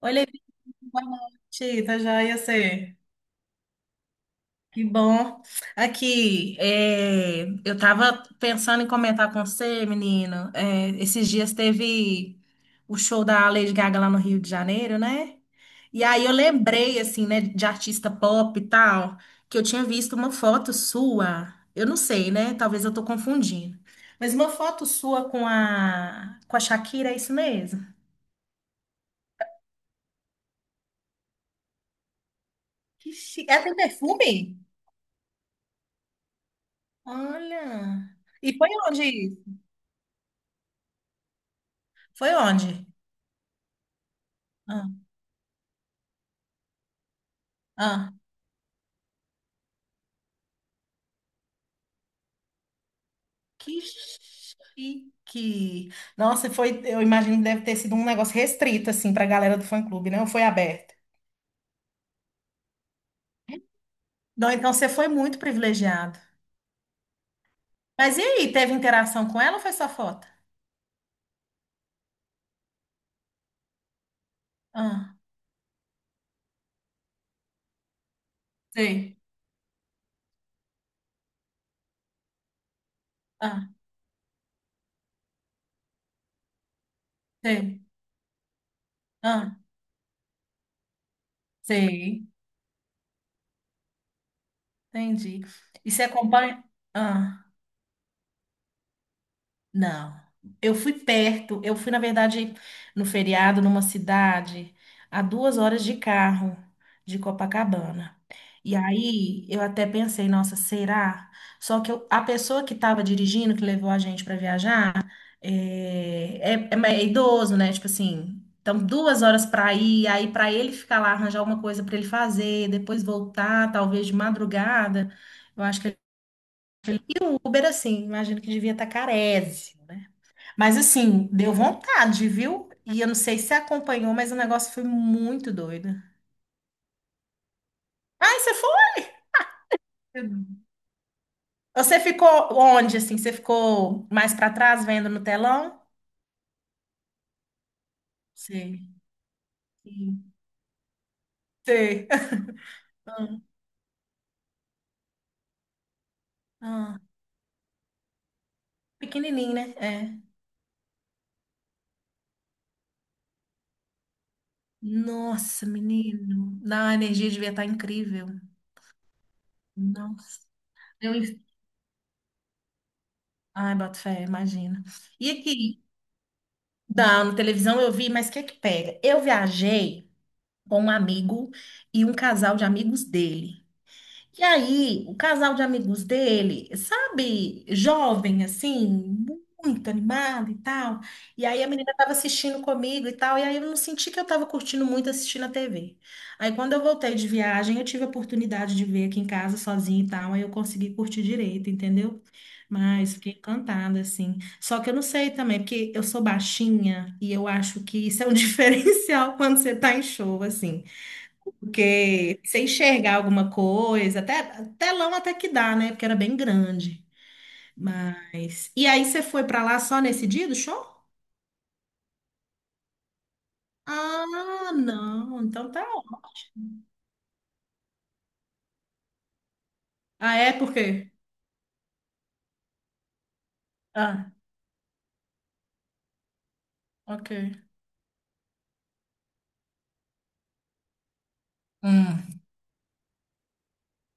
Oi, Levi, boa noite, tá joia você? Que bom. Aqui, eu tava pensando em comentar com você, menino. É, esses dias teve o show da Lady Gaga lá no Rio de Janeiro, né? E aí eu lembrei, assim, né, de artista pop e tal, que eu tinha visto uma foto sua. Eu não sei, né? Talvez eu tô confundindo. Mas uma foto sua com a Shakira, é isso mesmo? Que chique. Ela tem perfume? Olha. E foi onde isso? Foi onde? Ah, ah, que chique. Nossa, foi, eu imagino que deve ter sido um negócio restrito, assim, para a galera do fã-clube, né? Ou foi aberto? Não, então você foi muito privilegiado. Mas e aí, teve interação com ela ou foi só foto? Ah, sei. Ah, sei. Ah, sei. Entendi. E você acompanha? Ah. Não. Eu fui perto. Eu fui, na verdade, no feriado, numa cidade, a 2 horas de carro de Copacabana. E aí eu até pensei, nossa, será? Só que a pessoa que estava dirigindo, que levou a gente para viajar, é idoso, né? Tipo assim, então 2 horas para ir, aí para ele ficar lá, arranjar alguma coisa para ele fazer, depois voltar, talvez de madrugada. Eu acho que e o Uber, assim, imagino que devia estar carésimo, né? Mas assim, deu vontade, viu? E eu não sei se você acompanhou, mas o negócio foi muito doido. Ai, você foi? Você ficou onde, assim? Você ficou mais pra trás, vendo no telão? Sei. Sim. Sei. Ah, pequenininho, né? É. Nossa, menino. Não, a energia devia estar incrível. Nossa. Eu... Ai, boto fé, imagina. E aqui? Não, na televisão eu vi, mas o que é que pega? Eu viajei com um amigo e um casal de amigos dele. E aí, o casal de amigos dele, sabe, jovem, assim, muito animado e tal. E aí a menina tava assistindo comigo e tal, e aí eu não senti que eu tava curtindo muito assistindo a TV. Aí quando eu voltei de viagem, eu tive a oportunidade de ver aqui em casa sozinha e tal, aí eu consegui curtir direito, entendeu? Mas fiquei encantada, assim. Só que eu não sei também, porque eu sou baixinha e eu acho que isso é um diferencial quando você tá em show, assim, porque você enxergar alguma coisa, até telão até que dá, né? Porque era bem grande. Mas. E aí você foi pra lá só nesse dia do show? Ah, não. Então tá. Ó. Ah, é por quê? Ah, ok. Hum,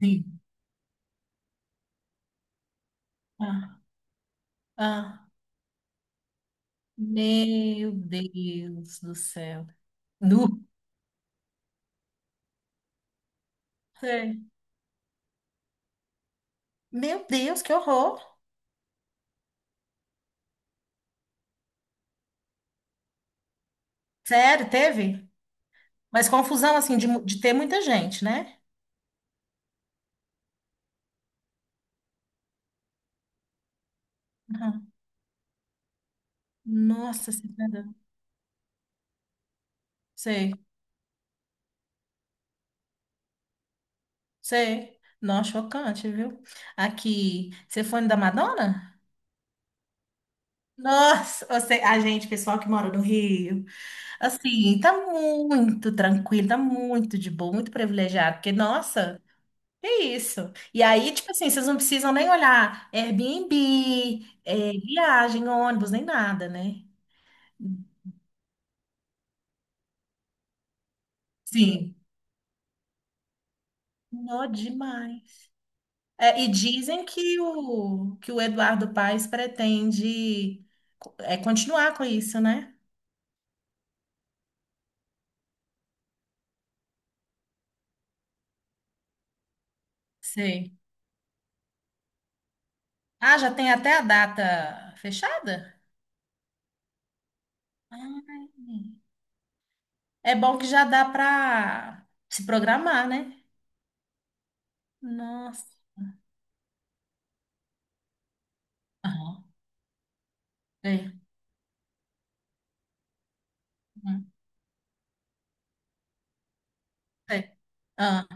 sim. Ah, ah. Meu Deus do céu. Nu. Sei. Meu Deus, que horror. Sério, teve? Mas confusão assim de, de ter muita gente, né? Aham. Nossa Senhora. Sei. Não, chocante, viu? Aqui, você foi no da Madonna? Nossa, você, a gente, pessoal que mora no Rio, assim, tá muito tranquilo, tá muito de boa, muito privilegiado, porque, nossa, é isso. E aí, tipo assim, vocês não precisam nem olhar Airbnb, viagem, ônibus, nem nada, né? Sim. Nó demais. É, e dizem que o Eduardo Paes pretende, continuar com isso, né? Sei. Ah, já tem até a data fechada? Ai, é bom que já dá para se programar, né? Nossa. Aham. Sei. Hum, sei. Ah,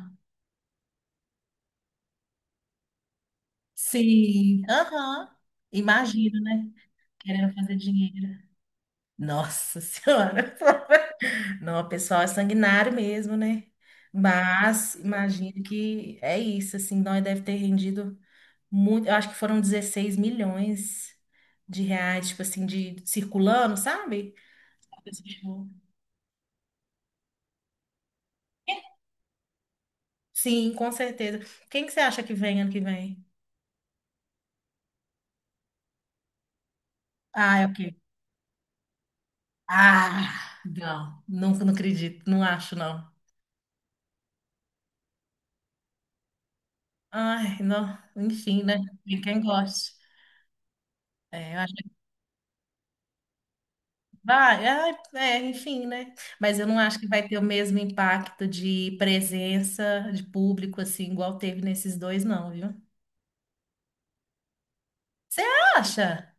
sim. Aham. Imagino, né? Querendo fazer dinheiro. Nossa Senhora. Não, o pessoal é sanguinário mesmo, né? Mas imagino que é isso, assim, nós deve ter rendido muito, eu acho que foram 16 milhões de reais, tipo assim, de circulando, sabe? Sim, com certeza. Quem que você acha que vem ano que vem? Ah, é o quê? Ah, não, nunca não acredito, não acho não. Ai, não, enfim, né? Tem quem goste. É, eu acho que vai, enfim, né? Mas eu não acho que vai ter o mesmo impacto de presença de público assim igual teve nesses dois, não, viu? Você acha?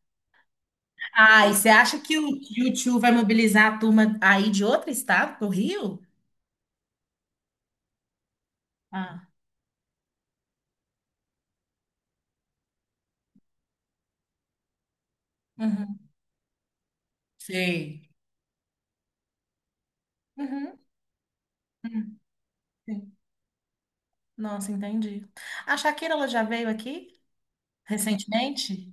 Ah, e você acha que o YouTube vai mobilizar a turma aí de outro estado, pro Rio? Ah, uhum. Sei. Uhum, uhum, sim. Nossa, entendi. A Shakira, ela já veio aqui recentemente?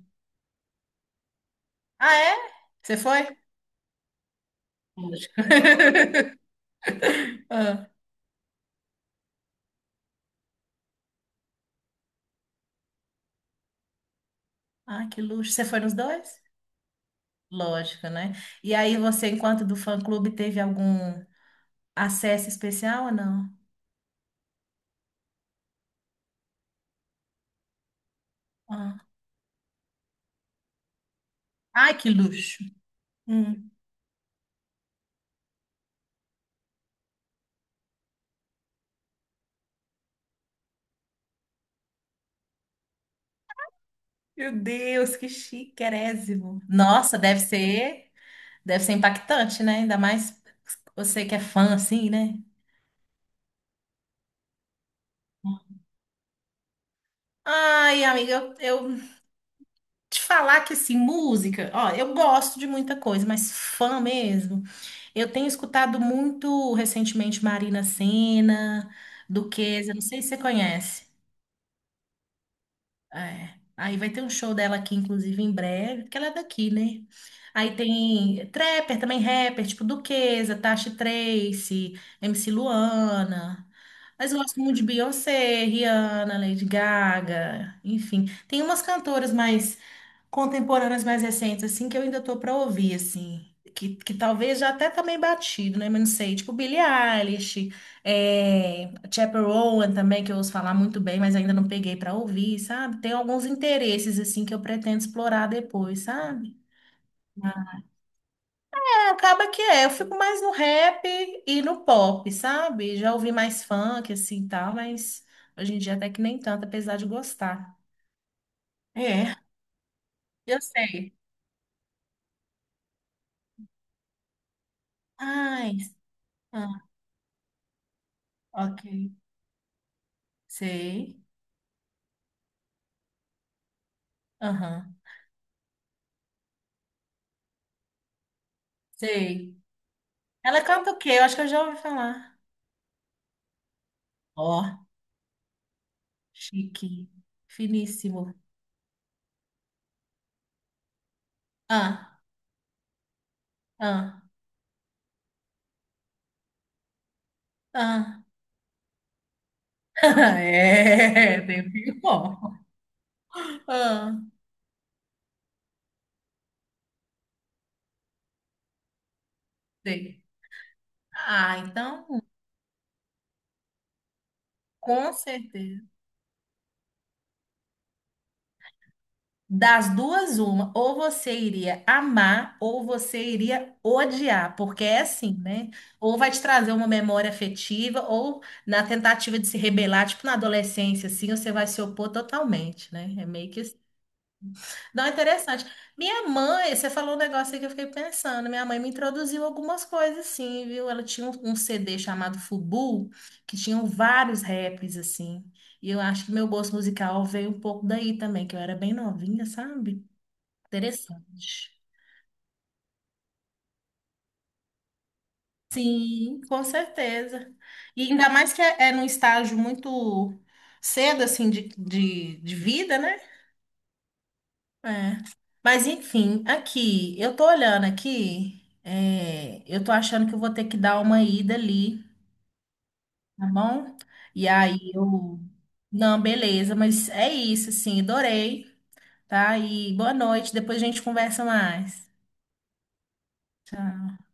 Ah, é? Você foi? Lógico. Ah, ah, que luxo. Você foi nos dois? Lógico, né? E aí você, enquanto do fã-clube, teve algum acesso especial ou não? Ah. Ai, que luxo. Hum. Meu Deus, que chiquérrimo. Nossa, deve ser. Deve ser impactante, né? Ainda mais você que é fã, assim, né? Ai, amiga, eu te falar que, assim, música... Ó, eu gosto de muita coisa, mas fã mesmo... Eu tenho escutado muito recentemente Marina Sena, Duquesa, não sei se você conhece. É. Aí vai ter um show dela aqui, inclusive, em breve, porque ela é daqui, né? Aí tem trapper, também rapper, tipo Duquesa, Tasha Tracie, MC Luana. Mas eu gosto muito de Beyoncé, Rihanna, Lady Gaga, enfim. Tem umas cantoras mais contemporâneas mais recentes, assim, que eu ainda tô pra ouvir, assim. Que talvez já até também batido, né? Mas não sei. Tipo Billie Eilish, Chappell Roan também, que eu ouço falar muito bem, mas ainda não peguei pra ouvir, sabe? Tem alguns interesses, assim, que eu pretendo explorar depois, sabe? É, acaba que é. Eu fico mais no rap e no pop, sabe? Já ouvi mais funk, assim, e tal, mas hoje em dia até que nem tanto, apesar de gostar. É, eu sei. Ai, ah, ok. Sei. Aham. Sei. Ela canta o quê? Eu acho que eu já ouvi falar. Ó, chique. Finíssimo. Ah, ah, ah. É, tem um fio bom. Ah, sei. Ah, então, com certeza. Das duas, uma. Ou você iria amar, ou você iria odiar. Porque é assim, né? Ou vai te trazer uma memória afetiva, ou na tentativa de se rebelar, tipo na adolescência, assim, você vai se opor totalmente, né? É meio que. Não, interessante. Minha mãe, você falou um negócio aí que eu fiquei pensando. Minha mãe me introduziu algumas coisas, assim, viu? Ela tinha um, CD chamado Fubu, que tinham vários raps, assim. E eu acho que meu gosto musical veio um pouco daí também, que eu era bem novinha, sabe? Interessante. Sim, com certeza. E ainda mais que é num estágio muito cedo, assim, de vida, né? É. Mas enfim, aqui, eu tô olhando aqui, eu tô achando que eu vou ter que dar uma ida ali, tá bom? E aí eu. Não, beleza, mas é isso, assim, adorei, tá? E boa noite, depois a gente conversa mais. Tchau.